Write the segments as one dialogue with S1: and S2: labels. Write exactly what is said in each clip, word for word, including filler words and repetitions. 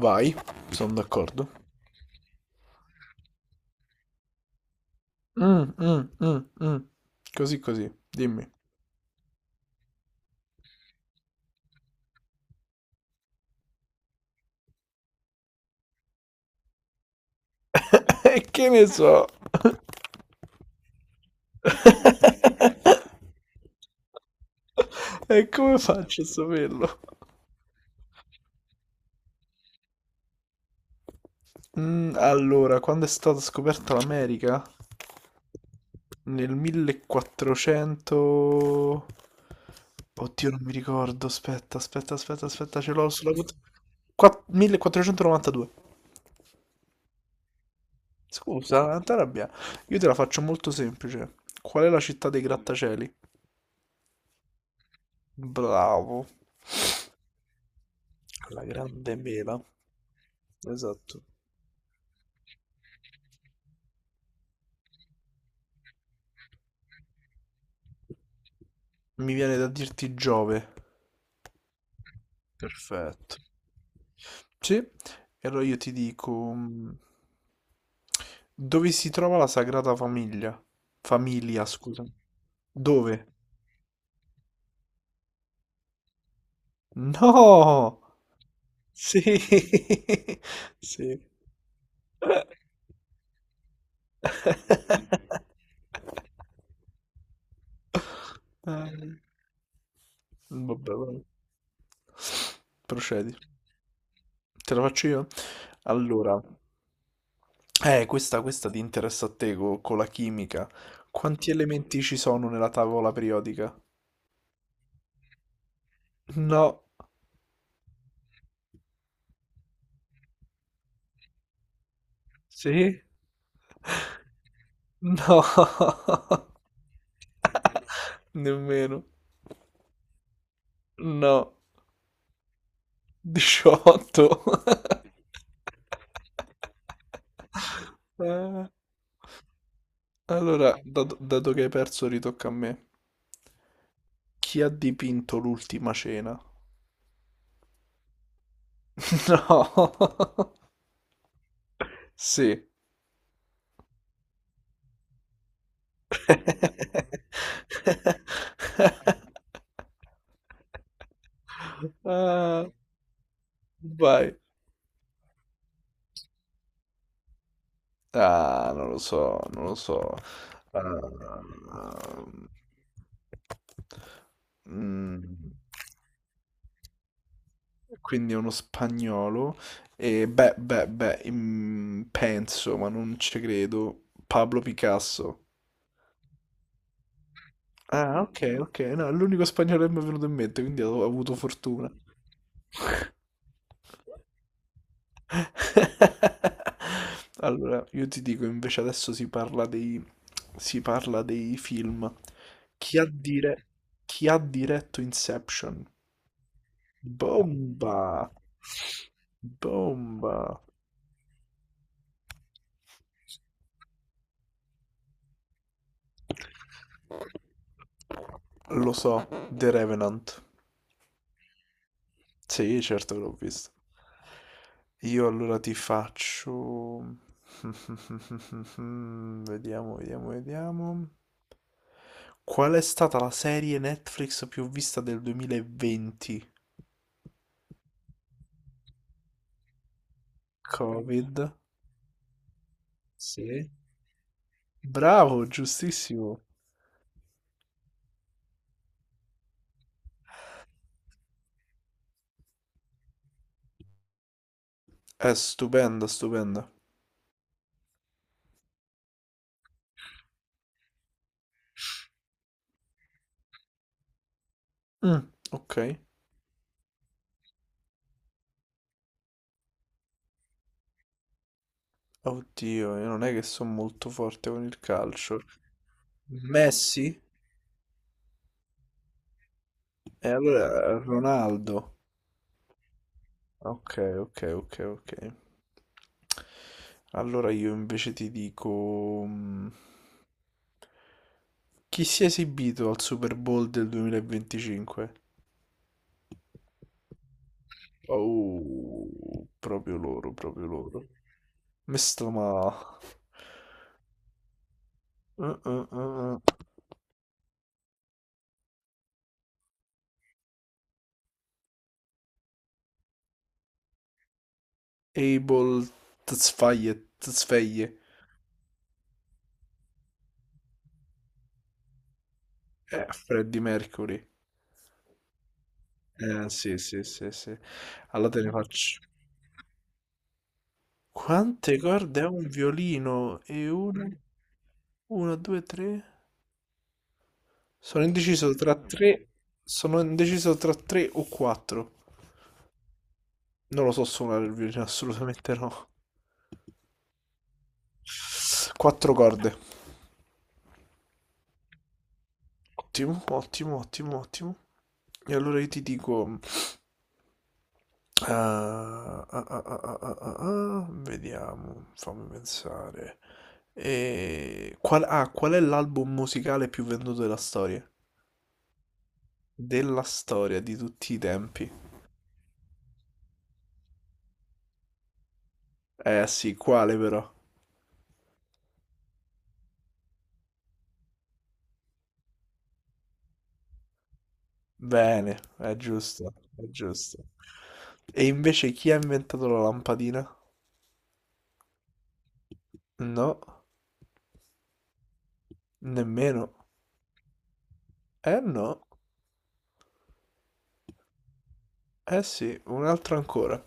S1: Vai, sono d'accordo. Mm, mm, mm, mm. Così così, dimmi. E che ne so? E come faccio a saperlo? Mm, allora, quando è stata scoperta l'America? Nel millequattrocento. Oddio, non mi ricordo. Aspetta, aspetta, aspetta, aspetta, ce l'ho sulla punta. Qua- millequattrocentonovantadue. Scusa, non t'arrabbiare. Io te la faccio molto semplice. Qual è la città dei grattacieli? Bravo. La grande mela. Esatto. Mi viene da dirti Giove. Perfetto. Sì, e allora io ti dico mm, dove si trova la Sagrada Famiglia? Famiglia, scusa. Dove? No! Sì, sì. Dai. Vabbè, vabbè. Procedi. Te la faccio io? Allora, Eh, questa, questa ti interessa a te co- con la chimica. Quanti elementi ci sono nella tavola periodica? No. Sì? No. Nemmeno. No. diciotto. Eh, Allora, dato, dato che hai perso, ritocca a me. Chi ha dipinto l'ultima cena? No. Sì. Ah. Vai. Ah, non lo so, non lo so. Ah, mm, quindi è uno spagnolo. E beh, beh, beh, mm, penso, ma non ci credo. Pablo Picasso. Ah, ok, ok. No, è l'unico spagnolo che mi è venuto in mente, quindi ho avuto fortuna. Allora, io ti dico, invece adesso si parla dei, si parla dei film. Chi ha, dire- chi ha diretto Inception? Bomba! Bomba! Lo so, The Revenant. Sì, certo che l'ho visto. Io allora ti faccio. Vediamo, vediamo, vediamo. Qual è stata la serie Netflix più vista del duemilaventi? Covid. Sì. Bravo, giustissimo. È stupenda, stupenda. Mm, ok. Oddio, io non è che sono molto forte con il calcio. Messi? E allora Ronaldo. Ok, ok, ok, ok. Allora io invece ti dico mm, chi si è esibito al Super Bowl del duemilaventicinque? Oh, proprio loro, proprio loro. Mesta ma. Uh, uh, uh, uh. Abel Tzfaye, Tzfaye. Eh, Freddie Mercury. Eh, sì, sì, sì, sì. Allora te ne faccio. Quante corde ha un violino? E una, una, due, tre? Sono indeciso tra tre. Sono indeciso tra tre o quattro. Non lo so suonare il violino, assolutamente no. Quattro corde. Ottimo, ottimo, ottimo, ottimo. E allora io ti dico. eh, ah, ah, ah, ah, ah, ah, ah, vediamo, fammi pensare. E... Qual, ah, qual è l'album musicale più venduto della storia? Della storia di tutti i tempi. Eh sì, quale però? Bene, è giusto, è giusto. E invece chi ha inventato la lampadina? No, nemmeno. Eh no, eh sì, un altro ancora.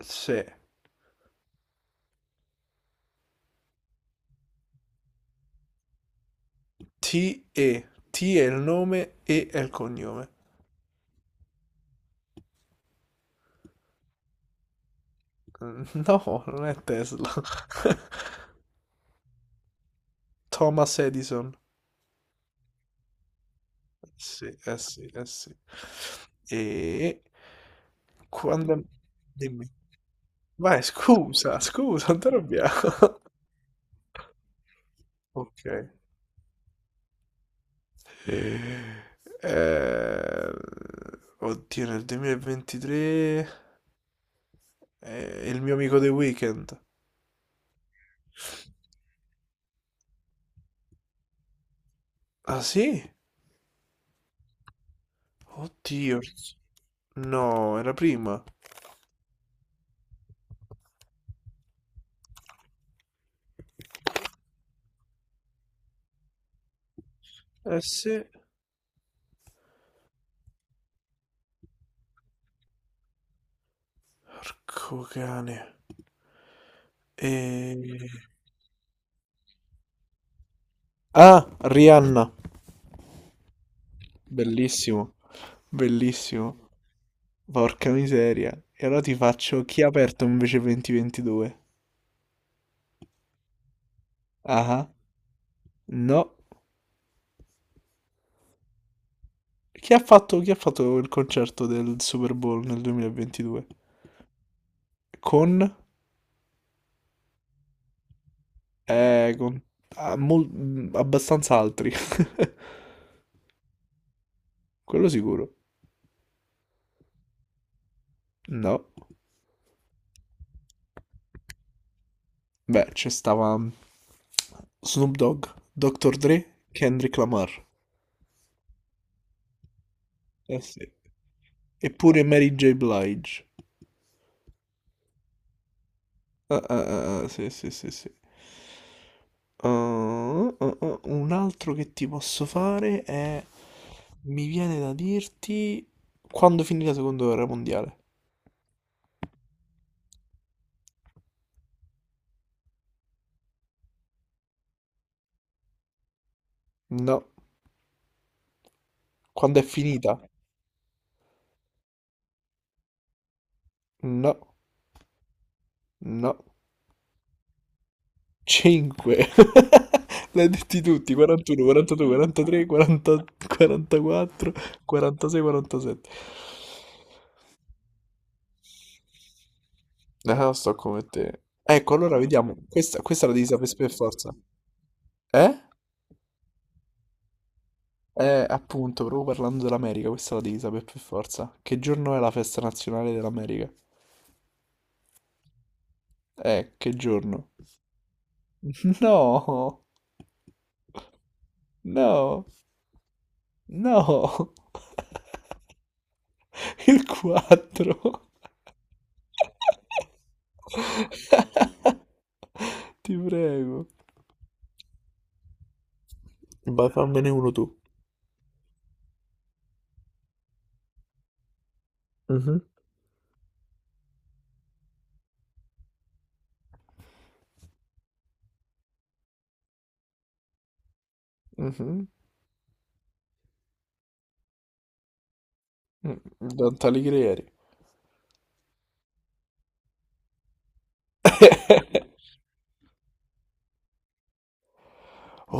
S1: Se ti e, T è il nome, E è il cognome. Mm, No, non è Tesla. Thomas Edison. Sì, eh sì, eh sì. E quando. Dimmi. Vai, scusa, scusa, non ti arrabbiare. Ok. Eh, eh, oddio, nel duemilaventitré è il mio amico The Weeknd. Ah sì? Oddio. No, era prima. Eh sì. Porco cane. E... Ah, Rihanna. Bellissimo. Bellissimo. Porca miseria. E allora ti faccio chi ha aperto invece duemilaventidue? Ah, ah. No. Chi ha fatto, chi ha fatto il concerto del Super Bowl nel duemilaventidue? Con? Eh, con ah, mol- mm, abbastanza altri. Quello sicuro. No. Beh, c'è stava Snoop Dogg, Dr. Dre, Kendrick Lamar. Eh sì. Eppure Mary J. Blige. Ah, ah, ah, ah, sì, sì, sì, sì. Ah, ah, ah, ah. un altro che ti posso fare è. Mi viene da dirti. Quando finì la seconda guerra mondiale? No. Quando è finita? No, no. cinque. L'hai detti tutti, quarantuno, quarantadue, quarantatré, quaranta, quarantaquattro, quarantasei, quarantasette. Ah, sto come te. Ecco, allora vediamo. Questa, questa la devi sapere per forza. Eh? Eh, appunto, proprio parlando dell'America, questa la devi sapere per forza. Che giorno è la festa nazionale dell'America? Eh, che giorno? No, no, no. Il quattro. Ti prego. Vai, fammene uno tu. Mhm. Mhm. Mm, Dante Alighieri.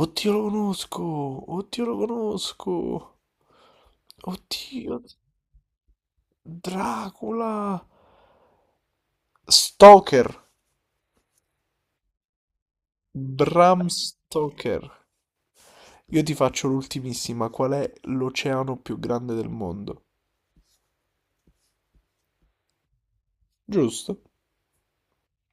S1: Oddio, lo conosco! Oddio, lo conosco! Oddio, Dracula! Stoker! Bram Stoker. Io ti faccio l'ultimissima. Qual è l'oceano più grande del mondo? Giusto?